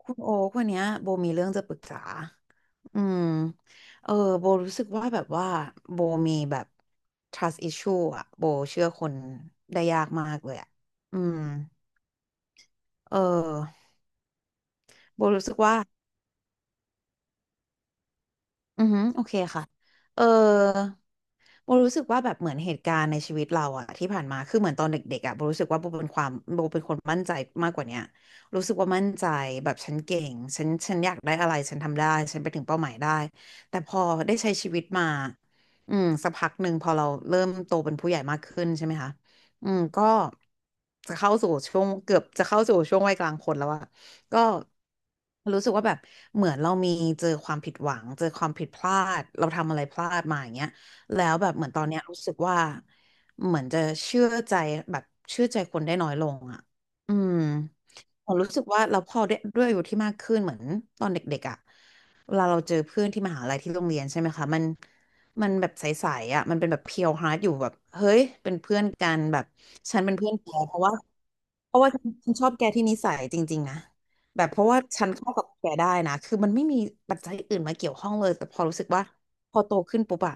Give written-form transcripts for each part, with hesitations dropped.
คุณโอ๊ควันเนี้ยโบมีเรื่องจะปรึกษา อืม เออ โบรู้สึกว่าแบบว่าโบมีแบบ trust issue อะโบเชื่อคนได้ยากมากเลยอะอืม เออ โบรู้สึกว่า อือฮึโอเคค่ะเออโบรู้สึกว่าแบบเหมือนเหตุการณ์ในชีวิตเราอะที่ผ่านมา คือเหมือนตอนเด็กๆอะโบรู้สึกว่าโบเป็นความโบเป็นคนมั่นใจมากกว่าเนี้ยรู้สึกว่ามั่นใจแบบฉันเก่ง ฉันอยากได้อะไรฉันทำได้ ฉันไปถึงเป้าหมายได้ แต่พอได้ใช้ชีวิตมาอืมสักพักหนึ่งพอเราเริ่มโตเป็นผู้ใหญ่มากขึ้นใช่ไหมคะอืมก็จะเข้าสู่ช่วงเกือบจะเข้าสู่ช่วงวัยกลางคนแล้วอะ ก็รู้สึกว่าแบบเหมือนเรามีเจอความผิดหวังเจอความผิดพลาดเราทำอะไรพลาดมาอย่างเงี้ยแล้วแบบเหมือนตอนเนี้ยรู้สึกว่าเหมือนจะเชื่อใจแบบเชื่อใจคนได้น้อยลงอ่ะอืมผมรู้สึกว่าเราพอด้วยอายุที่มากขึ้นเหมือนตอนเด็กๆอ่ะเวลาเราเจอเพื่อนที่มหาลัยที่โรงเรียนใช่ไหมคะมันแบบใสๆอ่ะมันเป็นแบบเพียวฮาร์ดอยู่แบบเฮ้ยเป็นเพื่อนกันแบบฉันเป็นเพื่อนแกเพราะว่าเพราะว่าฉันชอบแกที่นิสัยจริงๆนะ แบบเพราะว่าฉันเข้ากับแกได้นะคือมันไม่มีปัจจัยอื่นมาเกี่ยวข้องเลย แต่พอรู้สึกว่าพอโตขึ้นปุ๊บอะ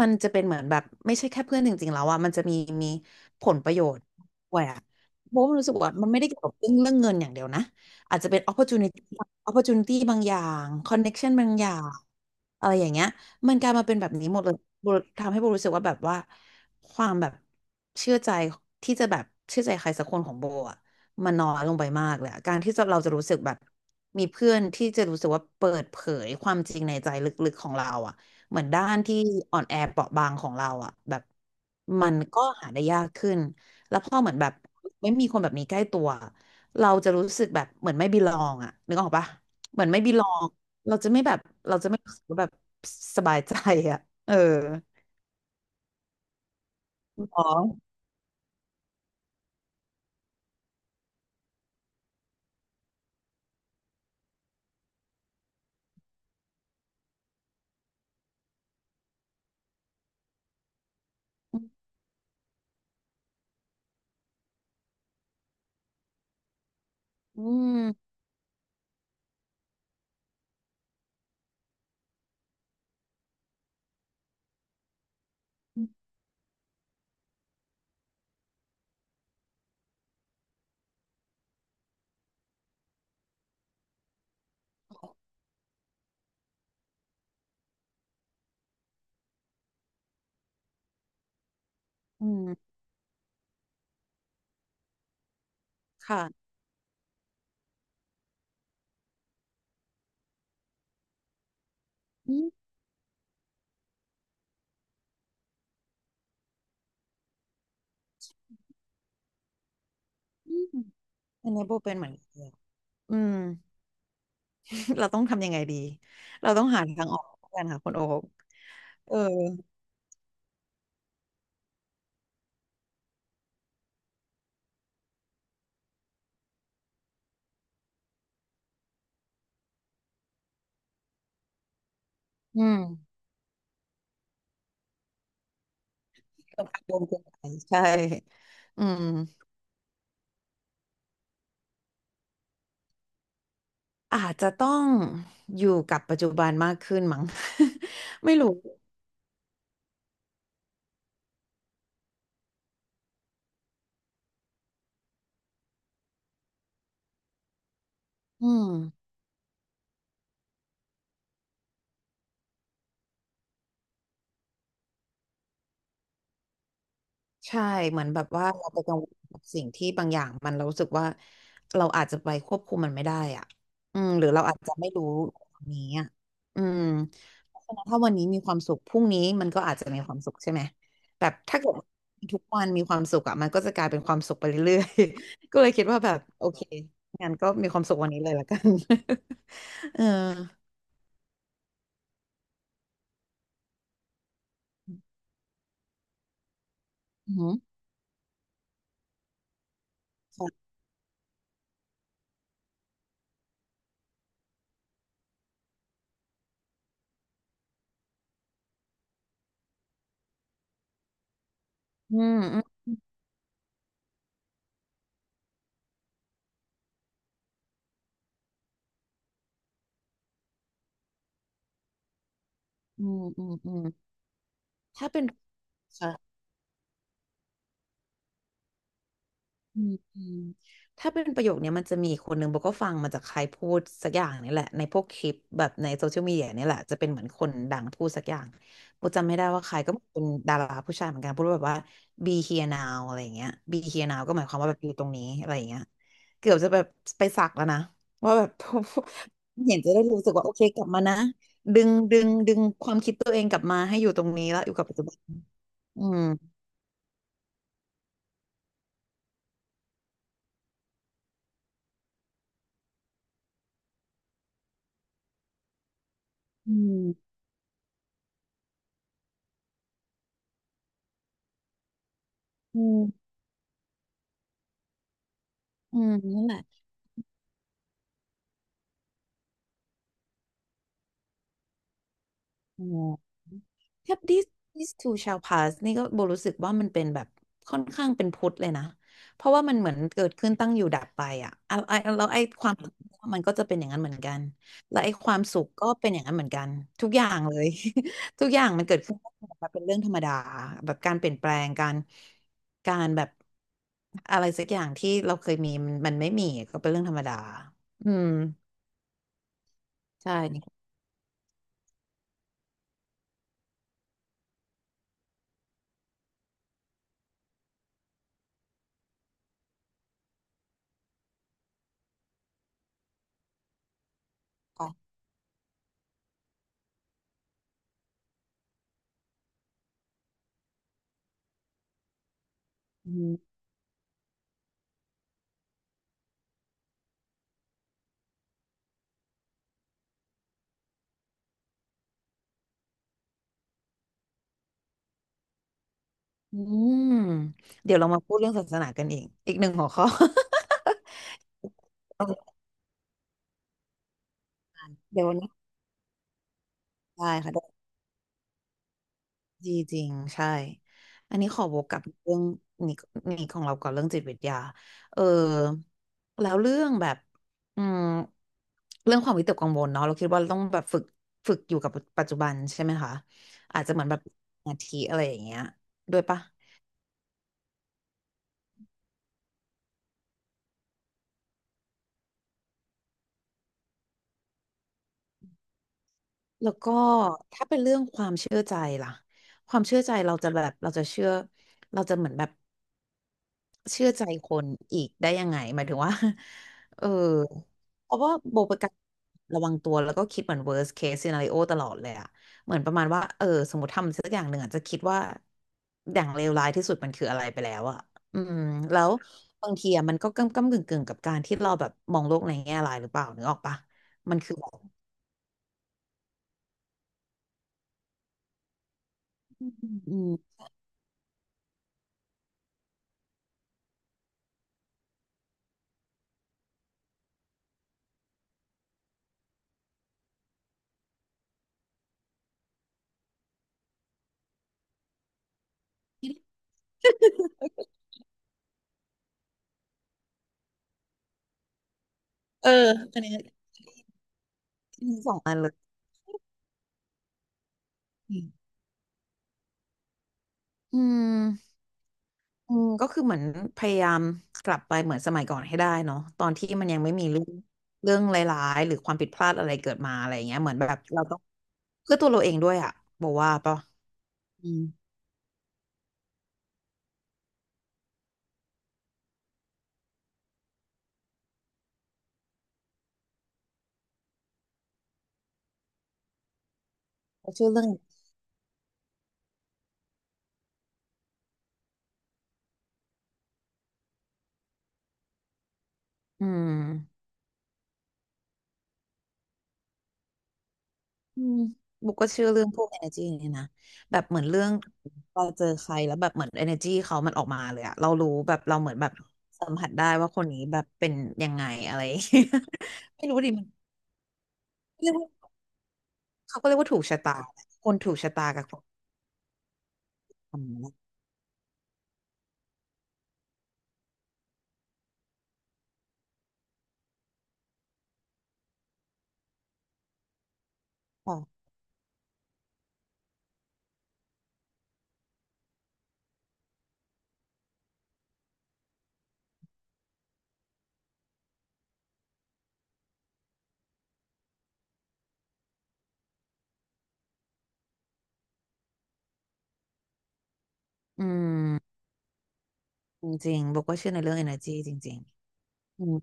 มันจะเป็นเหมือนแบบไม่ใช่แค่เพื่อนจริงๆแล้วอะมันจะมีผลประโยชน์ด้วยอะโบะมันรู้สึกว่ามันไม่ได้เกี่ยวกับเรื่องเงินอย่างเดียวนะ อาจจะเป็น opportunity opportunity บางอย่าง connection บางอย่างอะไรอย่างเงี้ย มันกลายมาเป็นแบบนี้หมดเลยโบทำให้โบรู้สึกว่าแบบว่าความแบบเชื่อใจที่จะแบบเชื่อใจใครสักคนของโบอะ มันน้อยลงไปมากเลยอะการที่จะเราจะรู้สึกแบบมีเพื่อนที่จะรู้สึกว่าเปิดเผยความจริงในใจลึกๆของเราอ่ะเหมือนด้านที่อ่อนแอเปราะบางของเราอ่ะแบบมันก็หาได้ยากขึ้นแล้วพอเหมือนแบบไม่มีคนแบบนี้ใกล้ตัวเราจะรู้สึกแบบเหมือนไม่บิลองอ่ะนึกออกปะเหมือนไม่บิลองเราจะไม่แบบเราจะไม่รู้สึกว่าแบบสบายใจอ่ะเอออ๋ออืมอืมค่ะอืมอืมอันนี้โบเป็นเหมือนกันเลยอืม เราต้องทำยังไงดี เราต้องหาทางออกกันค่ะคุณโอ๊คเอออืมกังวลเกินไปใช่ อืม อาจจะต้องอยู่กับปัจจุบันมากขึ้นมั้ง ไม่รู้อืม ใช่เหมือนแบบว่าเราไปกังวลกับสิ่งที่บางอย่างมันเรารู้สึกว่าเราอาจจะไปควบคุมมันไม่ได้อ่ะอืมหรือเราอาจจะไม่รู้ตรงนี้อ่ะอืมเพราะฉะนั้นถ้าวันนี้มีความสุขพรุ่งนี้มันก็อาจจะมีความสุขใช่ไหมแบบถ้าเกิดทุกวันมีความสุขอ่ะมันก็จะกลายเป็นความสุขไปเรื่อยๆ ก็เลยคิดว่าแบบโอเคงั้นก็มีความสุขวันนี้เลยละกัน เอออืมอืมอืมอืมอืมถ้าเป็นค่ะ อืมอืมถ้าเป็นประโยคเนี้ยมันจะมีอีกคนหนึ่งโบก็ฟังมาจากใครพูดสักอย่างนี่แหละในพวกคลิปแบบในโซเชียลมีเดียนี่แหละจะเป็นเหมือนคนดังพูดสักอย่างโบจำไม่ได้ว่าใครก็เป็นดาราผู้ชายเหมือนกันพูดว่าแบบว่า be here now อะไรอย่างเงี้ย be here now ก็หมายความว่าแบบอยู่ตรงนี้อะไรอย่างเงี้ยเกือบจะแบบไปสักแล้วนะว่าแบบ เห็นจะได้รู้สึกว่าโอเคกลับมานะดึงความคิดตัวเองกลับมาให้อยู่ตรงนี้แล้วอยู่กับปัจจุบันอืมอืมอืมอืมนั่นแหละอ๋อ Yep, this too shall pass นี่ก็โบรู้สึกว่ามันเป็นแบบค่อนข้างเป็นพุทธเลยนะเพราะว่ามันเหมือนเกิดขึ้นตั้งอยู่ดับไปอ่ะอ่ะไอ้แล้วไอ้ความมันก็จะเป็นอย่างนั้นเหมือนกันและไอ้ความสุขก็เป็นอย่างนั้นเหมือนกันทุกอย่างเลย ทุกอย่างมันเกิดขึ้นตังอยู่ดับไปเป็นเรื่องธรรมดาแบบการเปลี่ยนแปลงการการแบบอะไรสักอย่างที่เราเคยมีมันไม่มีก็เป็นเรื่องธรรมดาอืมใช่นี่ก็ อืมเดี๋ยวเรามาพูดเรื่องศาสนากันอีกหนึ่งหัวข้อ เออเดี๋ยววันนี้ได้ค่ะได้ดีจริงใช่อันนี้ขอวกกลับเรื่องนี้นี้ของเราก่อนเรื่องจิตวิทยาเออแล้วเรื่องแบบอืมเรื่องความวิตกกังวลเนาะเราคิดว่าเราต้องแบบฝึกอยู่กับปัจจุบันใช่ไหมคะอาจจะเหมือนแบบสาทิอะไรอย่างเงี้ยด้วยปะแล้วก็ถ้าเป็นเรื่องความเชื่อใจล่ะความเชื่อใจเราจะแบบเราจะเชื่อเราจะเหมือนแบบ เชื่อใจคนอีกได้ยังไงหมายถึงว่า เออเพราะว่าโบเป็นการระวังตัวแล้วก็คิดเหมือน worst case scenario ตลอดเลยอะเหมือนประมาณว่าเออสมมติทำสักอย่างหนึ่งอะจะคิดว่าอย่างเลวร้ายที่สุดมันคืออะไรไปแล้วอะอืมแล้วบางทีอะมันก็ก้ำกึ่งกับการที่เราแบบมองโลกในแง่ร้ายหรือเปล่านึกออกปะมันคือแบบอืมเอออันนี้มีสองอันอืม อืมก็คือเหมือนพยายามกลับไปเหมือนสมัยก่อนให้ได้เนาะตอนที่มันยังไม่มีเรื่องร้ายๆหรือความผิดพลาดอะไรเกิดมาอะไรอย่างเงี้ยเหมือนแบบเราต้องเพื่อตัวเราเองด้วยอะบอกว่าปะอืมก็เชื่อเรื่องอืมอืมบุกก็เชื่อเรื่องพวก energy นี่นะแบบเหมือนเรื่องเราเจอใครแล้วแบบเหมือน energy เขามันออกมาเลยอะเรารู้แบบเราเหมือนแบบสัมผัสได้ว่าคนนี้แบบเป็นยังไงอะไร ไม่รู้ดิมันเรียกว่าเขาก็เรียกว่าถูกชะตาคนถูกชะตากับคนทำ ค่ะอืมจริงๆโบก็เชื่อในเรื่อง energy จริงๆอืม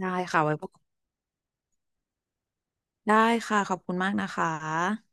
ได้ค่ะไว้พบได้ค่ะขอบคุณมากนะคะ